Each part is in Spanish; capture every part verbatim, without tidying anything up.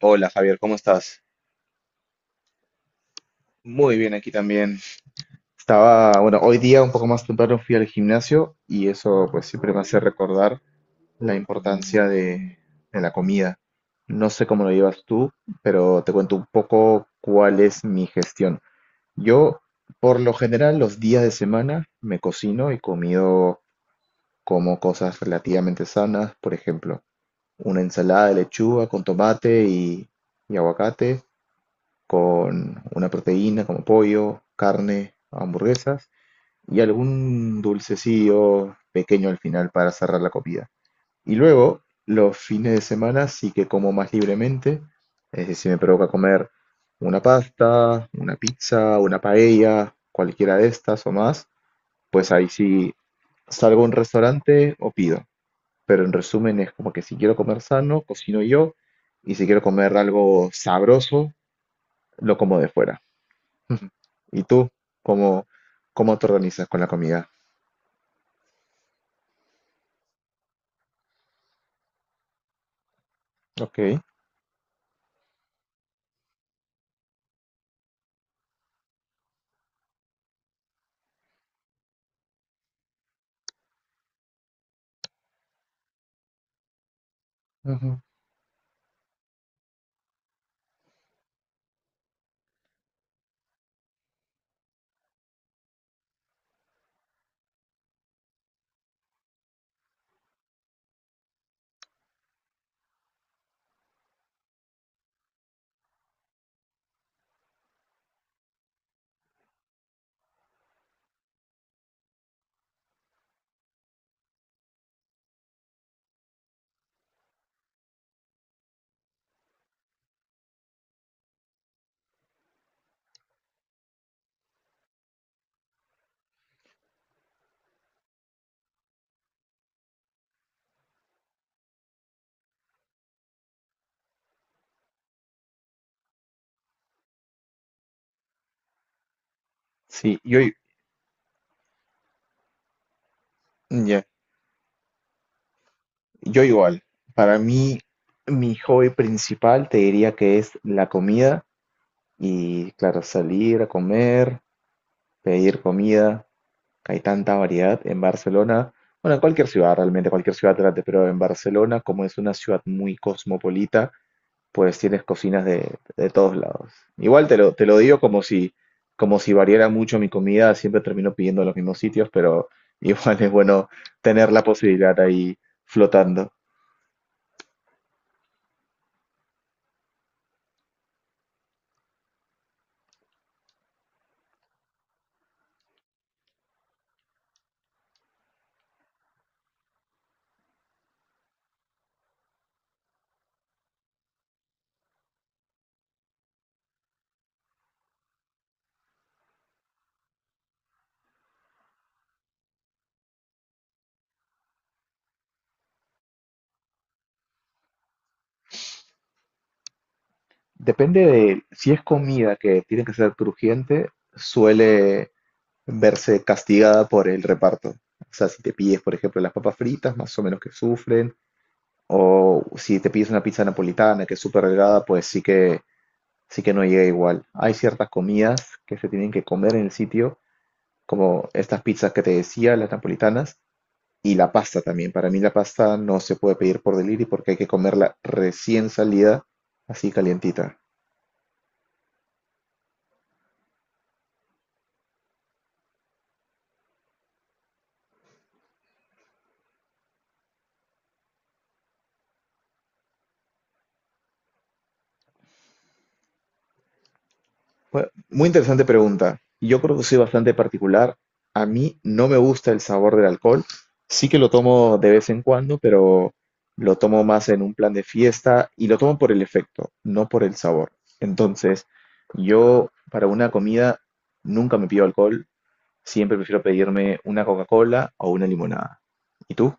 Hola Javier, ¿cómo estás? Muy bien, aquí también. Estaba, bueno, hoy día un poco más temprano fui al gimnasio y eso pues siempre me hace recordar la importancia de, de la comida. No sé cómo lo llevas tú, pero te cuento un poco cuál es mi gestión. Yo, por lo general, los días de semana me cocino y comido como cosas relativamente sanas, por ejemplo, una ensalada de lechuga con tomate y, y aguacate con una proteína como pollo, carne, hamburguesas y algún dulcecillo pequeño al final para cerrar la comida. Y luego, los fines de semana sí que como más libremente, es decir, me provoca comer una pasta, una pizza, una paella, cualquiera de estas o más, pues ahí sí salgo a un restaurante o pido. Pero en resumen es como que si quiero comer sano, cocino yo, y si quiero comer algo sabroso, lo como de fuera. Ujú. ¿Y tú cómo, cómo te organizas con la comida? Ok. Ujú. Sí, yo, i- ya, yo igual. Para mí, mi hobby principal te diría que es la comida y, claro, salir a comer, pedir comida, que hay tanta variedad en Barcelona. Bueno, en cualquier ciudad, realmente, cualquier ciudad grande, pero en Barcelona, como es una ciudad muy cosmopolita, pues tienes cocinas de, de todos lados. Igual te lo, te lo digo como si, como si variara mucho mi comida, siempre termino pidiendo en los mismos sitios, pero igual es bueno tener la posibilidad ahí flotando. Depende de si es comida que tiene que ser crujiente, suele verse castigada por el reparto. O sea, si te pides, por ejemplo, las papas fritas, más o menos que sufren, o si te pides una pizza napolitana que es súper delgada, pues sí que así que no llega igual. Hay ciertas comidas que se tienen que comer en el sitio, como estas pizzas que te decía, las napolitanas, y la pasta también. Para mí la pasta no se puede pedir por delivery porque hay que comerla recién salida, así calientita. Bueno, muy interesante pregunta. Yo creo que soy bastante particular. A mí no me gusta el sabor del alcohol. Sí que lo tomo de vez en cuando, pero lo tomo más en un plan de fiesta y lo tomo por el efecto, no por el sabor. Entonces, yo para una comida nunca me pido alcohol. Siempre prefiero pedirme una Coca-Cola o una limonada. ¿Y tú?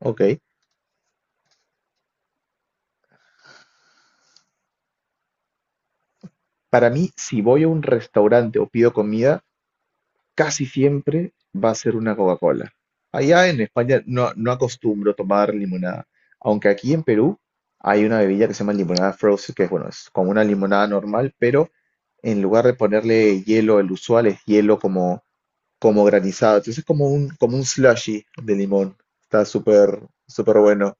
Ok. Para mí, si voy a un restaurante o pido comida, casi siempre va a ser una Coca-Cola. Allá en España no, no acostumbro tomar limonada, aunque aquí en Perú hay una bebida que se llama limonada frozen, que es bueno, es como una limonada normal, pero en lugar de ponerle hielo, el usual es hielo como, como granizado. Entonces es como un, como un slushy de limón. Está súper, súper bueno.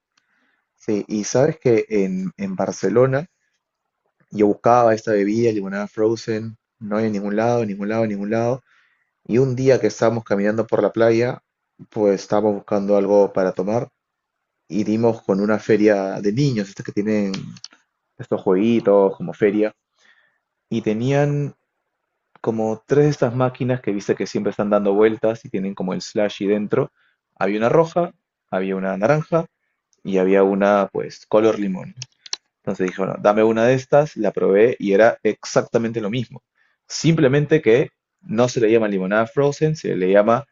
Sí, y sabes que en, en Barcelona yo buscaba esta bebida, limonada frozen, no hay en ningún lado, en ningún lado, en ningún lado. Y un día que estábamos caminando por la playa, pues estábamos buscando algo para tomar y dimos con una feria de niños, estas que tienen estos jueguitos como feria, y tenían como tres de estas máquinas que viste que siempre están dando vueltas y tienen como el slashy dentro. Había una roja, había una naranja y había una pues color limón. Entonces dije, bueno, dame una de estas, la probé y era exactamente lo mismo. Simplemente que no se le llama limonada frozen, se le llama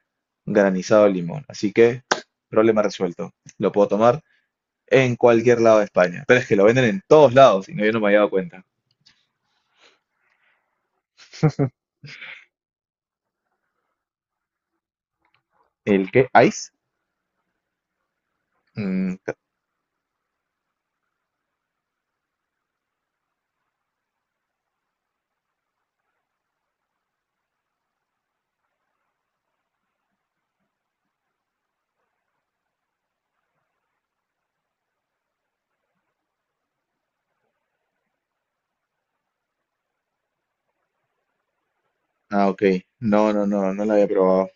granizado de limón. Así que, problema resuelto. Lo puedo tomar en cualquier lado de España. Pero es que lo venden en todos lados y no, yo no me había dado cuenta. ¿El qué? ¿Ice? Mm, ah, ok. No, no, no, no lo había probado.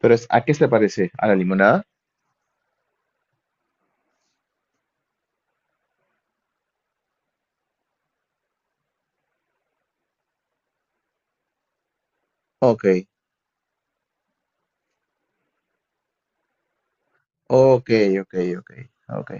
Pero es, ¿a qué se parece? ¿A la limonada? Ok, ok, ok, ok, ok,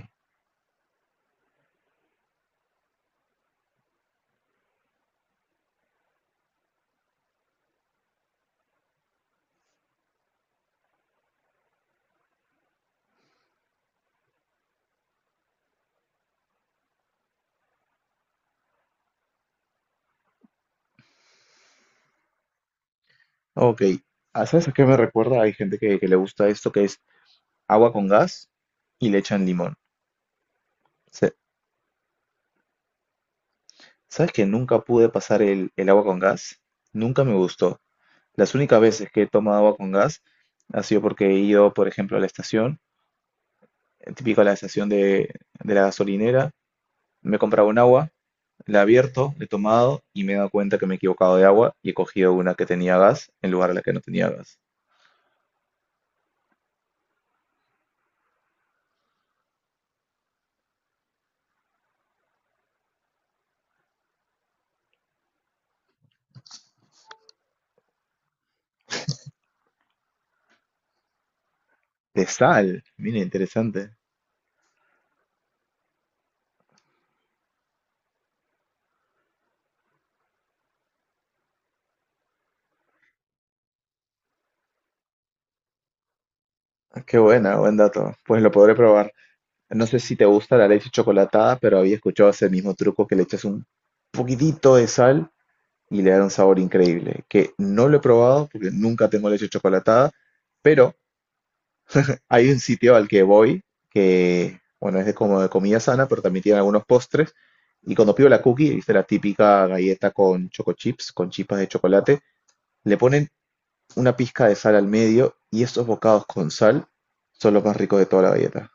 ok. Ah, ¿sabes a qué me recuerda? Hay gente que, que le gusta esto, que es agua con gas y le echan limón. Se- ¿Sabes que nunca pude pasar el, el agua con gas? Nunca me gustó. Las únicas veces que he tomado agua con gas ha sido porque he ido, por ejemplo, a la estación, eh, típico a la estación de, de la gasolinera, me he comprado un agua, la he abierto, la he tomado y me he dado cuenta que me he equivocado de agua y he cogido una que tenía gas en lugar de la que no tenía gas. De sal, mira, interesante. Ah, qué buena, buen dato. Pues lo podré probar. No sé si te gusta la leche chocolatada, pero había escuchado ese mismo truco que le echas un poquitito de sal y le da un sabor increíble, que no lo he probado porque nunca tengo leche chocolatada, pero hay un sitio al que voy que, bueno, es de como de comida sana, pero también tiene algunos postres. Y cuando pido la cookie, viste la típica galleta con choco chips, con chispas de chocolate, le ponen una pizca de sal al medio y esos bocados con sal son los más ricos de toda la galleta.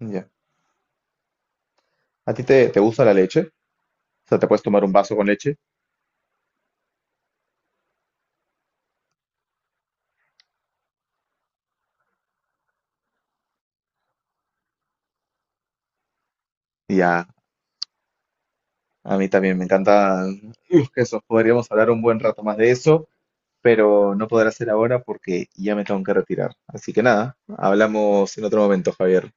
Ya. ¿A ti te, te gusta la leche? O sea, te puedes tomar un vaso con leche y ya, a mí también me encanta uf, eso. Podríamos hablar un buen rato más de eso, pero no podrá ser ahora porque ya me tengo que retirar. Así que nada, hablamos en otro momento, Javier.